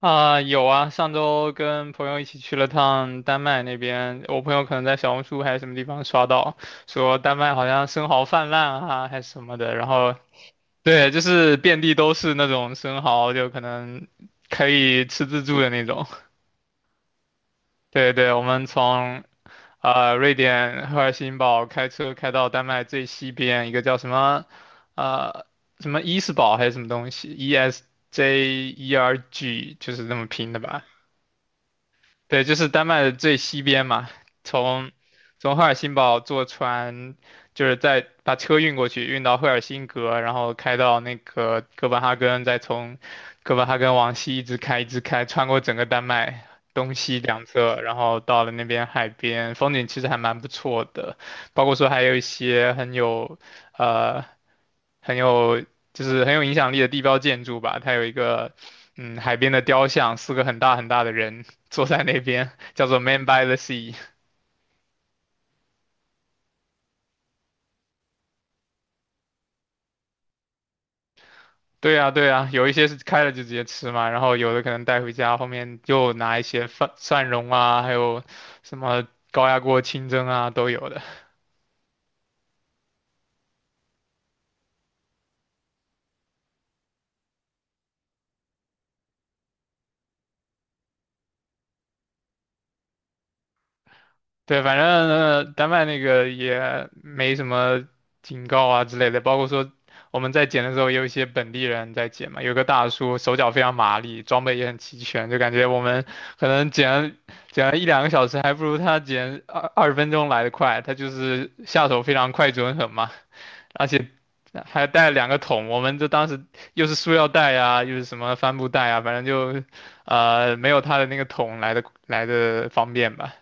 啊，有啊，上周跟朋友一起去了趟丹麦那边，我朋友可能在小红书还是什么地方刷到，说丹麦好像生蚝泛滥啊，还是什么的，然后对，就是遍地都是那种生蚝，就可能可以吃自助的那种。对对，我们从瑞典赫尔辛堡开车开到丹麦最西边一个叫呃什么伊斯堡还是什么东西，ESJERG 就是这么拼的吧。对，就是丹麦的最西边嘛，从从赫尔辛堡坐船，就是再把车运过去，运到赫尔辛格，然后开到那个哥本哈根，再从哥本哈根往西一直开，一直开，穿过整个丹麦东西两侧，然后到了那边海边，风景其实还蛮不错的，包括说还有一些呃很有很有影响力的地标建筑吧。它有一个海边的雕像，四个很大很大的人 坐在那边，叫做 Man by the Sea。对啊，对啊，有一些是开了就直接吃嘛，然后有的可能带回家，后面又拿一些蒜蓉啊，还有什么高压锅清蒸啊，都有的。对，反正丹麦那个也没什么警告啊之类的，包括说我们在捡的时候，也有一些本地人在捡嘛，有个大叔手脚非常麻利，装备也很齐全，就感觉我们可能捡了一两个小时，还不如他捡二十分钟来的快，他就是下手非常快准狠嘛，而且还带了两个桶，我们这当时又是塑料袋啊，又是什么帆布袋啊，反正就没有他的那个桶来的方便吧。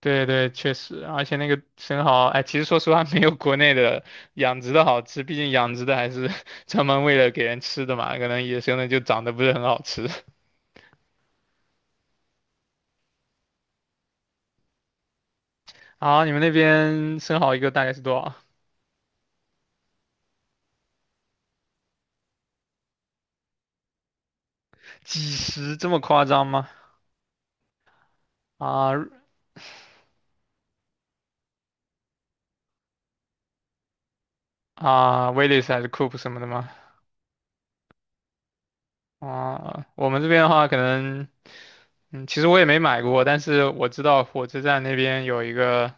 对对，确实，而且那个生蚝，哎，其实说实话，没有国内的养殖的好吃，毕竟养殖的还是 专门为了给人吃的嘛，可能野生的就长得不是很好吃。啊，你们那边生蚝一个大概是多少？几十这么夸张吗？啊啊，Willis 还是 Coop 什么的吗？啊，我们这边的话，可能，其实我也没买过，但是我知道火车站那边有一个。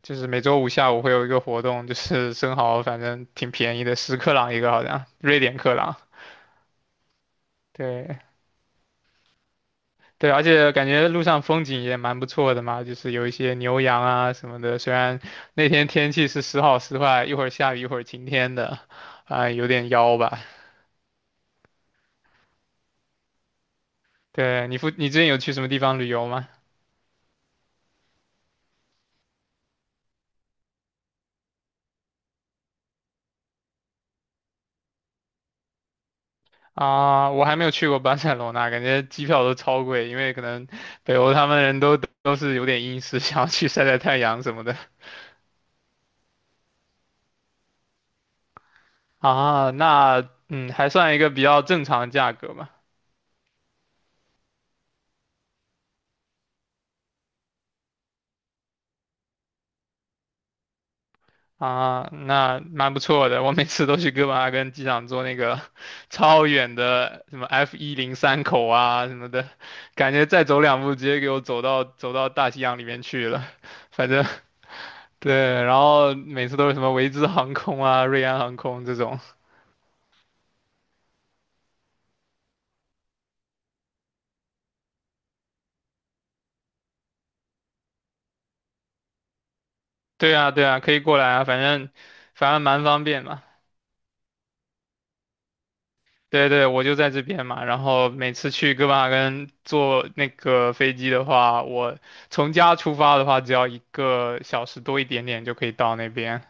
就是每周五下午会有一个活动，就是 生蚝，反正挺便宜的，10克朗一个，好像瑞典克朗。对对，而且感觉路上风景也蛮不错的嘛，就是有一些牛羊啊什么的。虽然那天天气是时好时坏，一会儿下雨一会儿晴天的，啊、有点妖吧。对，你之前有去什么地方旅游吗？啊，我还没有去过巴塞罗那，感觉机票都超贵，因为可能北欧他们人都是有点阴湿，想要去晒晒太阳什么的。啊，那还算一个比较正常的价格吧。啊，那蛮不错的。我每次都去哥本哈根机场坐那个 超远的什么 F103口啊什么的，感觉再走两步直接给我走到大西洋里面去了。反正对，然后每次都是什么维兹航空啊、瑞安航空这种。对啊，对啊，可以过来啊，反正蛮方便嘛。对对，我就在这边嘛。然后每次去哥本哈根坐那个飞机的话，我从家出发的话，只要一个小时多一点点就可以到那边。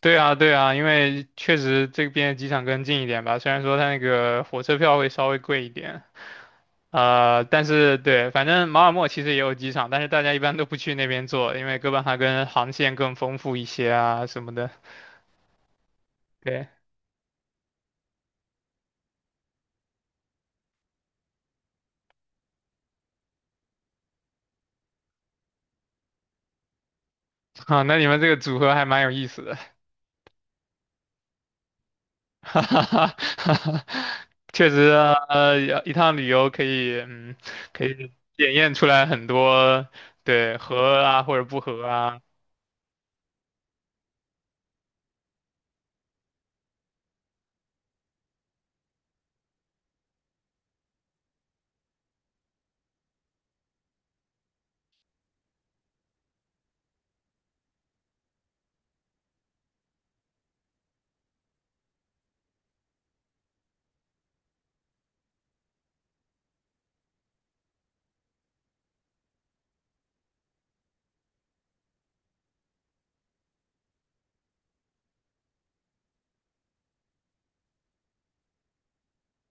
对啊，对啊，因为确实这边机场更近一点吧，虽然说它那个火车票会稍微贵一点，但是对，反正马尔默其实也有机场，但是大家一般都不去那边坐，因为哥本哈根航线更丰富一些啊什么的。对，好，那你们这个组合还蛮有意思的。哈哈哈哈哈确实啊，一趟旅游可以，嗯，可以检验出来很多，对，合啊或者不合啊，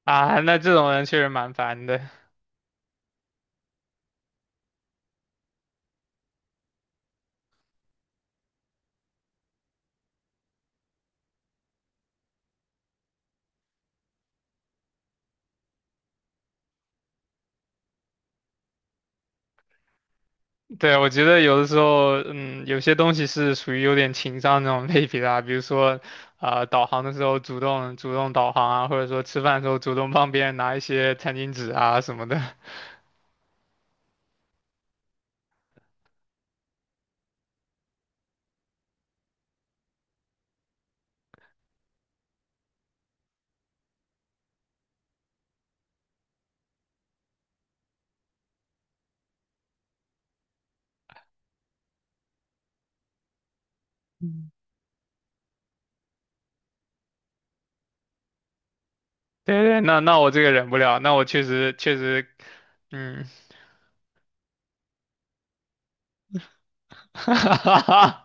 啊，那这种人确实蛮烦的。对，我觉得有的时候，嗯，有些东西是属于有点情商那种类别的啊，比如说，啊、导航的时候主动导航啊，或者说吃饭的时候主动帮别人拿一些餐巾纸啊什么的。嗯，对对，那那我这个忍不了，那我确实确实。嗯，哈哈哈，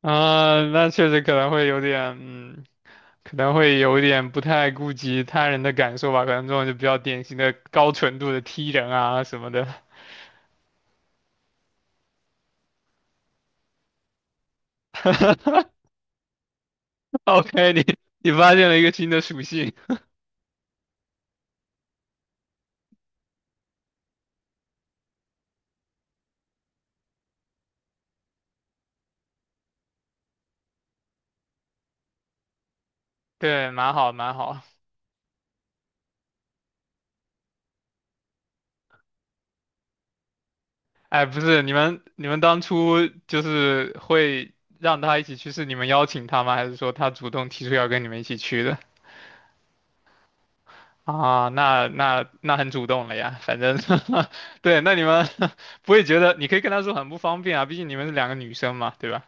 啊，那确实可能会有点，嗯，可能会有点不太顾及他人的感受吧，可能这种就比较典型的高纯度的 T人啊什么的。OK，你发现了一个新的属性，对，蛮好蛮好。哎，不是，你们当初就是会让他一起去，是你们邀请他吗？还是说他主动提出要跟你们一起去的？啊，那很主动了呀，反正 对，那你们 不会觉得，你可以跟他说很不方便啊，毕竟你们是两个女生嘛，对吧？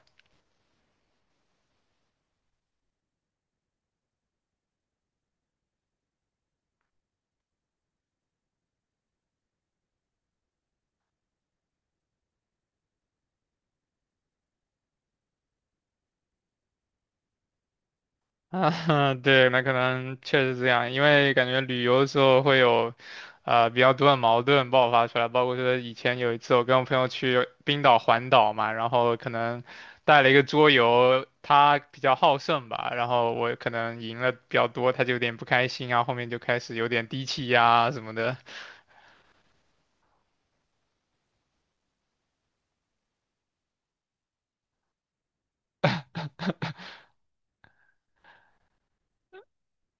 啊，对，那可能确实这样，因为感觉旅游的时候会有，比较多的矛盾爆发出来，包括说以前有一次我跟我朋友去冰岛环岛嘛，然后可能带了一个桌游，他比较好胜吧，然后我可能赢了比较多，他就有点不开心啊，后面就开始有点低气压啊什么的。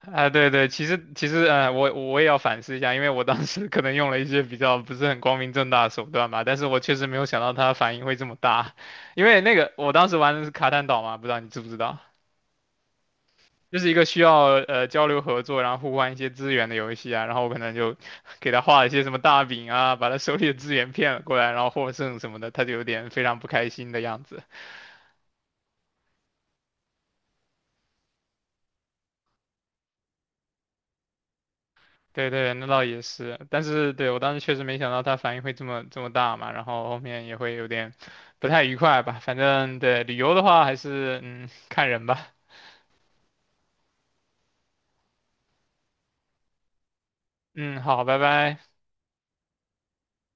啊，对对，其实，我也要反思一下，因为我当时 可能用了一些比较不是很光明正大的手段吧，但是我确实没有想到它反应会这么大，因为那个我当时玩的是卡坦岛嘛，不知道你知不知道，就是一个需要交流合作，然后互换一些资源的游戏啊，然后我可能就 给他画了一些什么大饼啊，把他手里的资源骗了过来，然后获胜什么的，他就有点非常不开心的样子。对对，那倒也是，但是对我当时确实没想到他反应会这么大嘛，然后后面也会有点不太愉快吧。反正对旅游的话，还是看人吧。嗯，好，拜拜。